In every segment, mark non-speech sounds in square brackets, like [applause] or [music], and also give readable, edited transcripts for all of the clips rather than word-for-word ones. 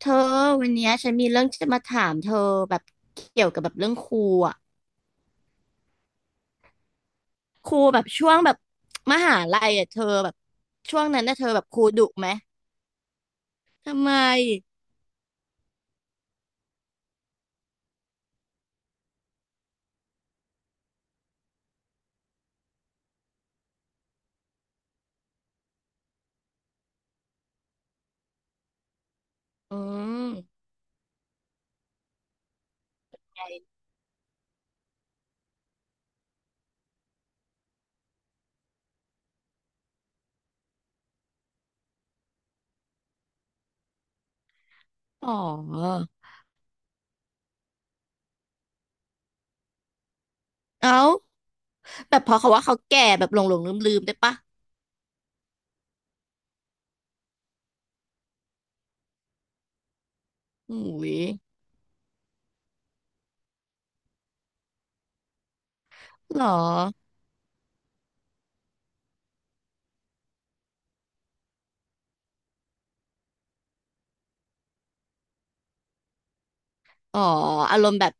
เธอวันเนี้ยฉันมีเรื่องจะมาถามเธอแบบเกี่ยวกับแบบเรื่องครูอ่ะครูแบบช่วงแบบมหาลัยอ่ะเธอแบบช่วงนั้นน่ะเธอแบบครูดุไหมทำไมอืมไงอ๋อเอ้าแบบเพอเขาว่าเขาแก่แบบหลงหลงลืมลืมๆได้ปะอุ้ยหรออ๋ออารมณ์แบบ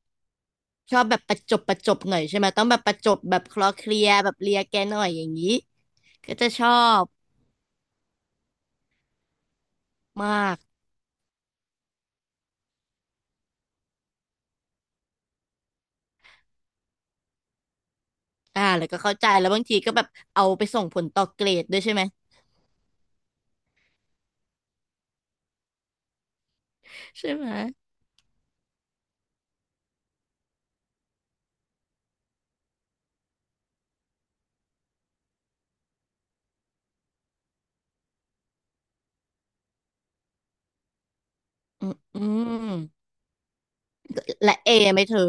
ชอบแบบประจบประจบหน่อยใช่ไหมต้องแบบประจบแบบคลอเคลียร์แบบเลียแกหน่อยอย่างนี้ก็จะชอบมาก อ่าแล้วก็เข้าใจแล้วบางทีก็แบบเอาไปส่งผลต่อเกรดด้วยใช่ไหม ใช่ไหม อืมอืมและเอไหมเธอ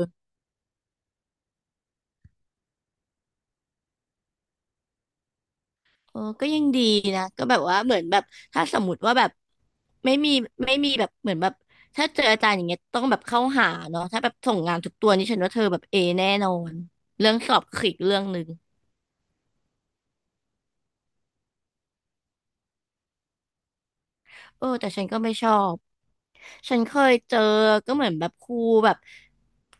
โอ้ก็ยังดีนะก็แบบว่าเหมือนแบบถ้าสมมติว่าแบบไม่มีไม่มีแบบเหมือนแบบถ้าเจออาจารย์อย่างเงี้ยต้องแบบเข้าหาเนาะถ้าแบบส่งงานทุกตัวนี่ฉันว่าเธอแบบเอแน่นอน เรื่องสอบคืออีกเรื่องหนึ่ง เออแต่ฉันก็ไม่ชอบฉันเคยเจอก็เหมือนแบบครูแบบ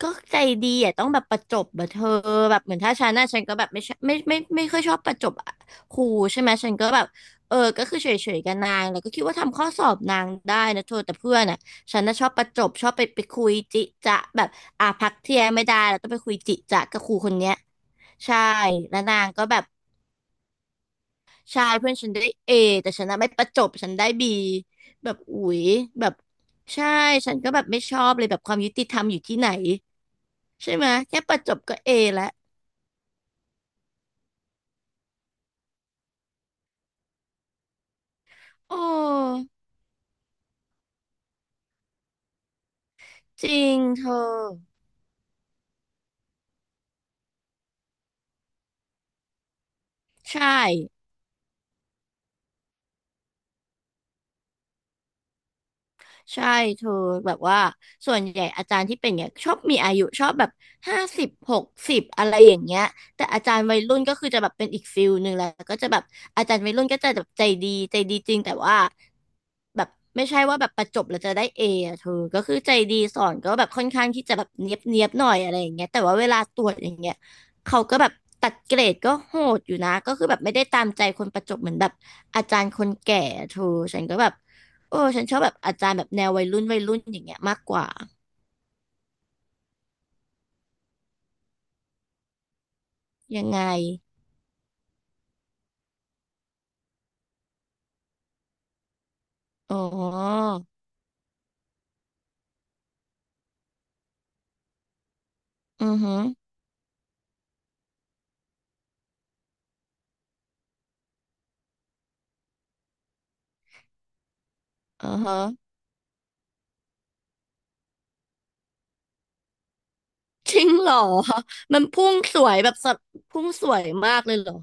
ก็ใจดีอ่ะต้องแบบประจบแบบเธอแบบเหมือนถ้าฉันน่ะฉันก็แบบไม่ชอบไม่ค่อยชอบประจบอะครูใช่ไหมฉันก็แบบเออก็คือเฉยๆกับนางแล้วก็คิดว่าทำข้อสอบนางได้นะเธอแต่เพื่อนอ่ะฉันน่ะชอบประจบชอบไปคุยจิจะแบบอ่ะพักเที่ยงไม่ได้แล้วต้องไปคุยจิจะกับครูคนเนี้ยใช่แล้วนางก็แบบ ใช่เพื่อนฉันได้เอแต่ฉันน่ะไม่ประจบฉันได้บีแบบอุ๋ยแบบใช่ฉันก็แบบไม่ชอบเลยแบบความยุติธรรมอยู่ที่ไหนใช่ไหมยแค่ประจบก็เอแล้วโอ้จริงเธอใช่ ใช่เธอแบบว่าส่วนใหญ่อาจารย์ที่เป็นเงี้ยชอบมีอายุชอบแบบ50 60อะไรอย่างเงี้ยแต่อาจารย์วัยรุ่นก็คือจะแบบเป็นอีกฟิลหนึ่งแหละก็จะแบบอาจารย์วัยรุ่นก็จะแบบใจดีใจดีจริงแต่ว่าแบบไม่ใช่ว่าแบบประจบแล้วจะได้เออะเธอก็คือใจดีสอนก็แบบค่อนข้างที่จะแบบเนียบเนียบหน่อยอะไรอย่างเงี้ยแต่ว่าเวลาตรวจอย่างเงี้ยเขาก็แบบตัดเกรดก็โหดอยู่นะก็คือแบบไม่ได้ตามใจคนประจบเหมือนแบบอาจารย์คนแก่อะเธอฉันก็แบบ เออฉันชอบแบบอาจารย์แบบแนววัยรุ่นวัยรุ่นอย่างเงี้ยมากกว่ายังไงอ๋ออือฮึอือฮะจริงเหรอมันพุ่งสวยแบบสัตว์พุ่งสวยมากเลยเหรอ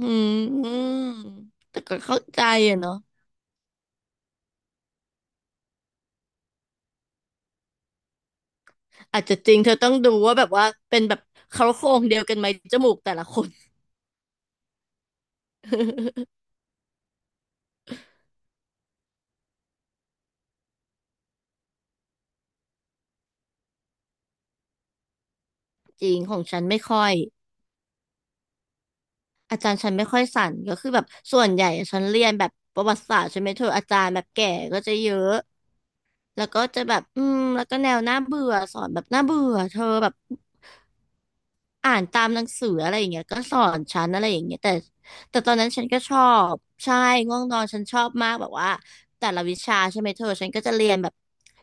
อืมแต่ก็เข้าใจอะเนาะอาจจะจริงเธอต้องดูว่าแบบว่าเป็นแบบเขาโครงเดียวกันไหมจมูกแต่ละคน [laughs] จริงของฉันไม่ค่อยอาจารย์ฉันไม่ค่อยสั่นก็คือแบบส่วนใหญ่ฉันเรียนแบบประวัติศาสตร์ใช่ไหมเธออาจารย์แบบแก่ก็จะเยอะ แล้วก็จะแบบอืมแล้วก็แนวน่าเบื่อสอนแบบน่าเบื่อเธอแบบอ่านตามหนังสืออะไรอย่างเงี้ย ก็สอนฉันอะไรอย่างเงี้ยแต่แต่ตอนนั้นฉันก็ชอบใช่ง่วงนอนฉันชอบมากแบบว่าแต่ละวิชาใช่ไหมเธอฉันก็จะเรียนแบบ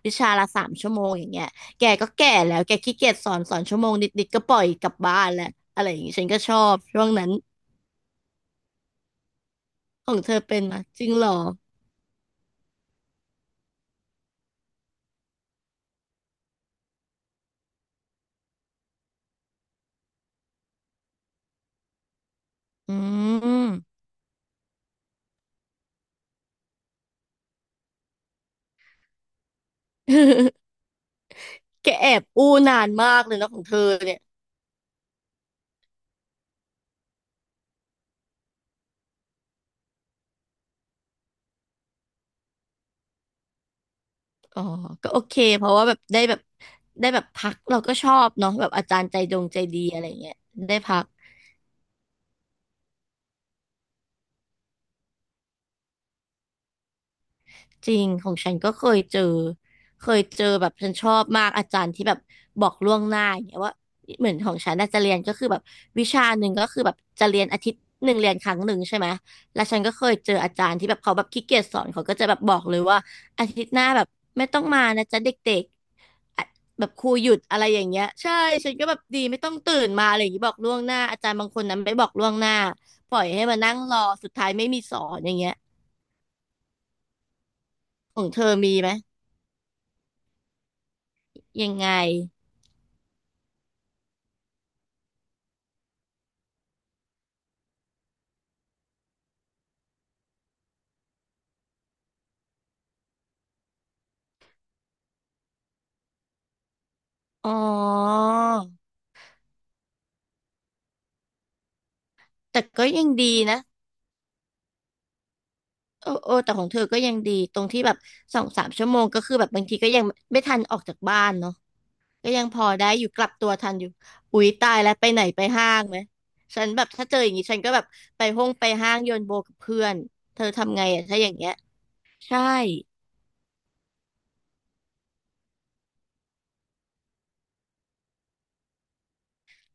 วิชาละ3 ชั่วโมงอย่างเงี้ยแกก็แก่แล้วแกขี้เกียจสอนสอนชั่วโมงนิดๆก็ปล่อยกลับบ้านแหละอะไรอย่างเงี้ยฉันก็ชอบช่วงนั้นของเธอเป็นไหมจริงเหรออืม [laughs] แกแอบอู้นานมากเลยเนอะของเธอเนี่ย อ๋อก็โอเคเพราะว่าแบบได้แบบได้แบบพักเราก็ชอบเนาะแบบอาจารย์ใจดงใจดีอะไรเงี้ยได้พักจริงของฉันก็เคยเจอเคยเจอแบบฉันชอบมากอาจารย์ที่แบบบอกล่วงหน้าอย่างเงี้ยว่าเหมือนของฉันน่าจะเรียนก็คือแบบวิชาหนึ่งก็คือแบบจะเรียนอาทิตย์หนึ่งเรียนครั้งหนึ่งใช่ไหมแล้วฉันก็เคยเจออาจารย์ที่แบบเขาแบบขี้เกียจสอนเขาก็จะแบบบอกเลยว่าอาทิตย์หน้าแบบไม่ต้องมานะจ๊ะเด็ก อะแบบครูหยุดอะไรอย่างเงี้ยใช่ฉันก็แบบดีไม่ต้องตื่นมาอะไรอย่างงี้บอกล่วงหน้าอาจารย์บางคนนั้นไม่บอกล่วงหน้าปล่อยให้มานั่งรอสุดท้ายไม่มีสอนอย่างเงี้ยของเธอมีไหมยังไงอ๋อแต่ก็ยังดีนะโอ้โอ้แต่ของเธอก็ยังดีตรงที่แบบสองสามชั่วโมงก็คือแบบบางทีก็ยังไม่ทันออกจากบ้านเนาะก็ยังพอได้อยู่กลับตัวทันอยู่อุ๊ยตายแล้วไปไหนไปห้างไหมฉันแบบถ้าเจออย่างนี้ฉันก็แบบไปห้องไปห้างโยนโบกับเพื่อนเธอทำไงอะถ้าอย่างเงี้ย ใช่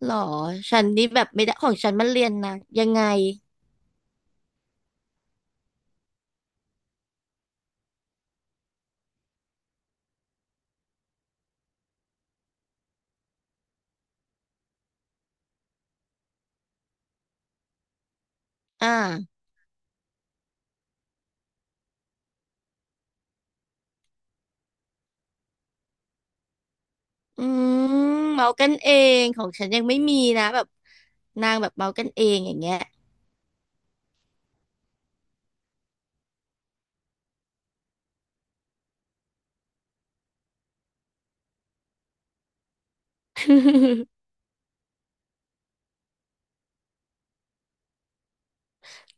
หรอฉันนี่แบบไม่ได้ของฉันมันเรียนนะยังไงอ่าอืมเมากันเองของฉันยังไม่มีนะแบบนางแบบเมากันเองอย่างเงี้ย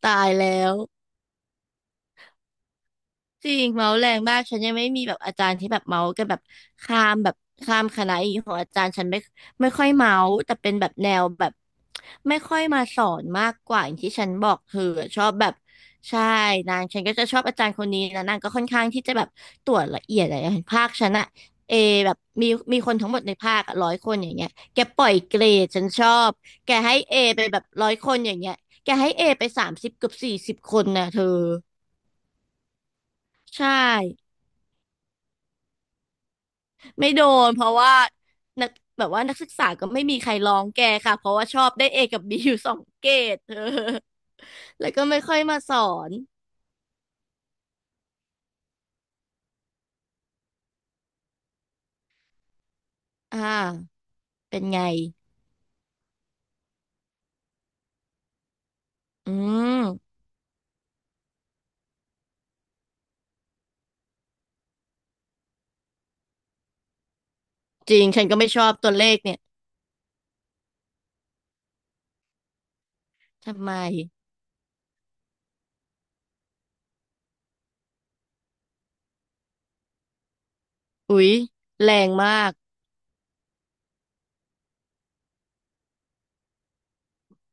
ตายแล้ว จริงเมาส์แรงมากฉันยังไม่มีแบบอาจารย์ที่แบบเมาส์กันแบบข้ามแบบข้ามคณะอีกของอาจารย์ฉันไม่ค่อยเมาส์แต่เป็นแบบแนวแบบไม่ค่อยมาสอนมากกว่าอย่างที่ฉันบอกเธอชอบแบบใช่นางฉันก็จะชอบอาจารย์คนนี้นะนางก็ค่อนข้างที่จะแบบตรวจละเอียดอะไรภาคฉันอะเอแบบมีคนทั้งหมดในภาคร้อยคนอย่างเงี้ยแกปล่อยเกรดฉันชอบแกให้เอไปแบบร้อยคนอย่างเงี้ยแกให้เอไป30เกือบ40 คนนะเธอใช่ ไม่โดนเพราะว่านักแบบว่านักศึกษาก็ไม่มีใครร้องแกค่ะเพราะว่าชอบได้เอกับบีอยู่2 เกรดเออแล้วก็ไม่ค่อยมาสอนอ่าเป็นไงอืมจริงฉันก็ไม่ชอบตัวเลขเนี่ยทำไมอุ๊ยแรงมาก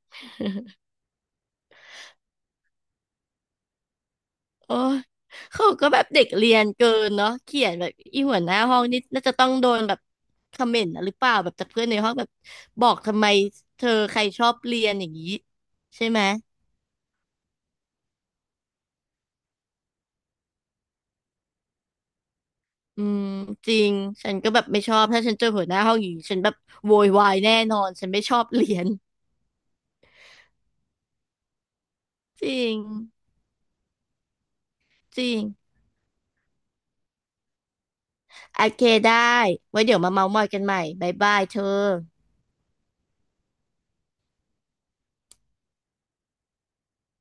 [laughs] โอ้ยเขาก็แบบเด็กเรียนเกินเนาะเขียนแบบอีหัวหน้าห้องนี่น่าจะต้องโดนแบบคอมเมนต์นะหรือเปล่าแบบจากเพื่อนในห้องแบบบอกทำไมเธอใครชอบเรียนอย่างนี้ใช่ไหม อืมจริงฉันก็แบบไม่ชอบถ้าฉันเจอหัวหน้าห้องอย่างนี้ฉันแบบโวยวายแน่นอนฉันไม่ชอบเรียน [laughs] จริงจริงโอเคได้ไว้เดี๋ยวมาเมาท์มอยกันใหม่บ๊ายบายเธอ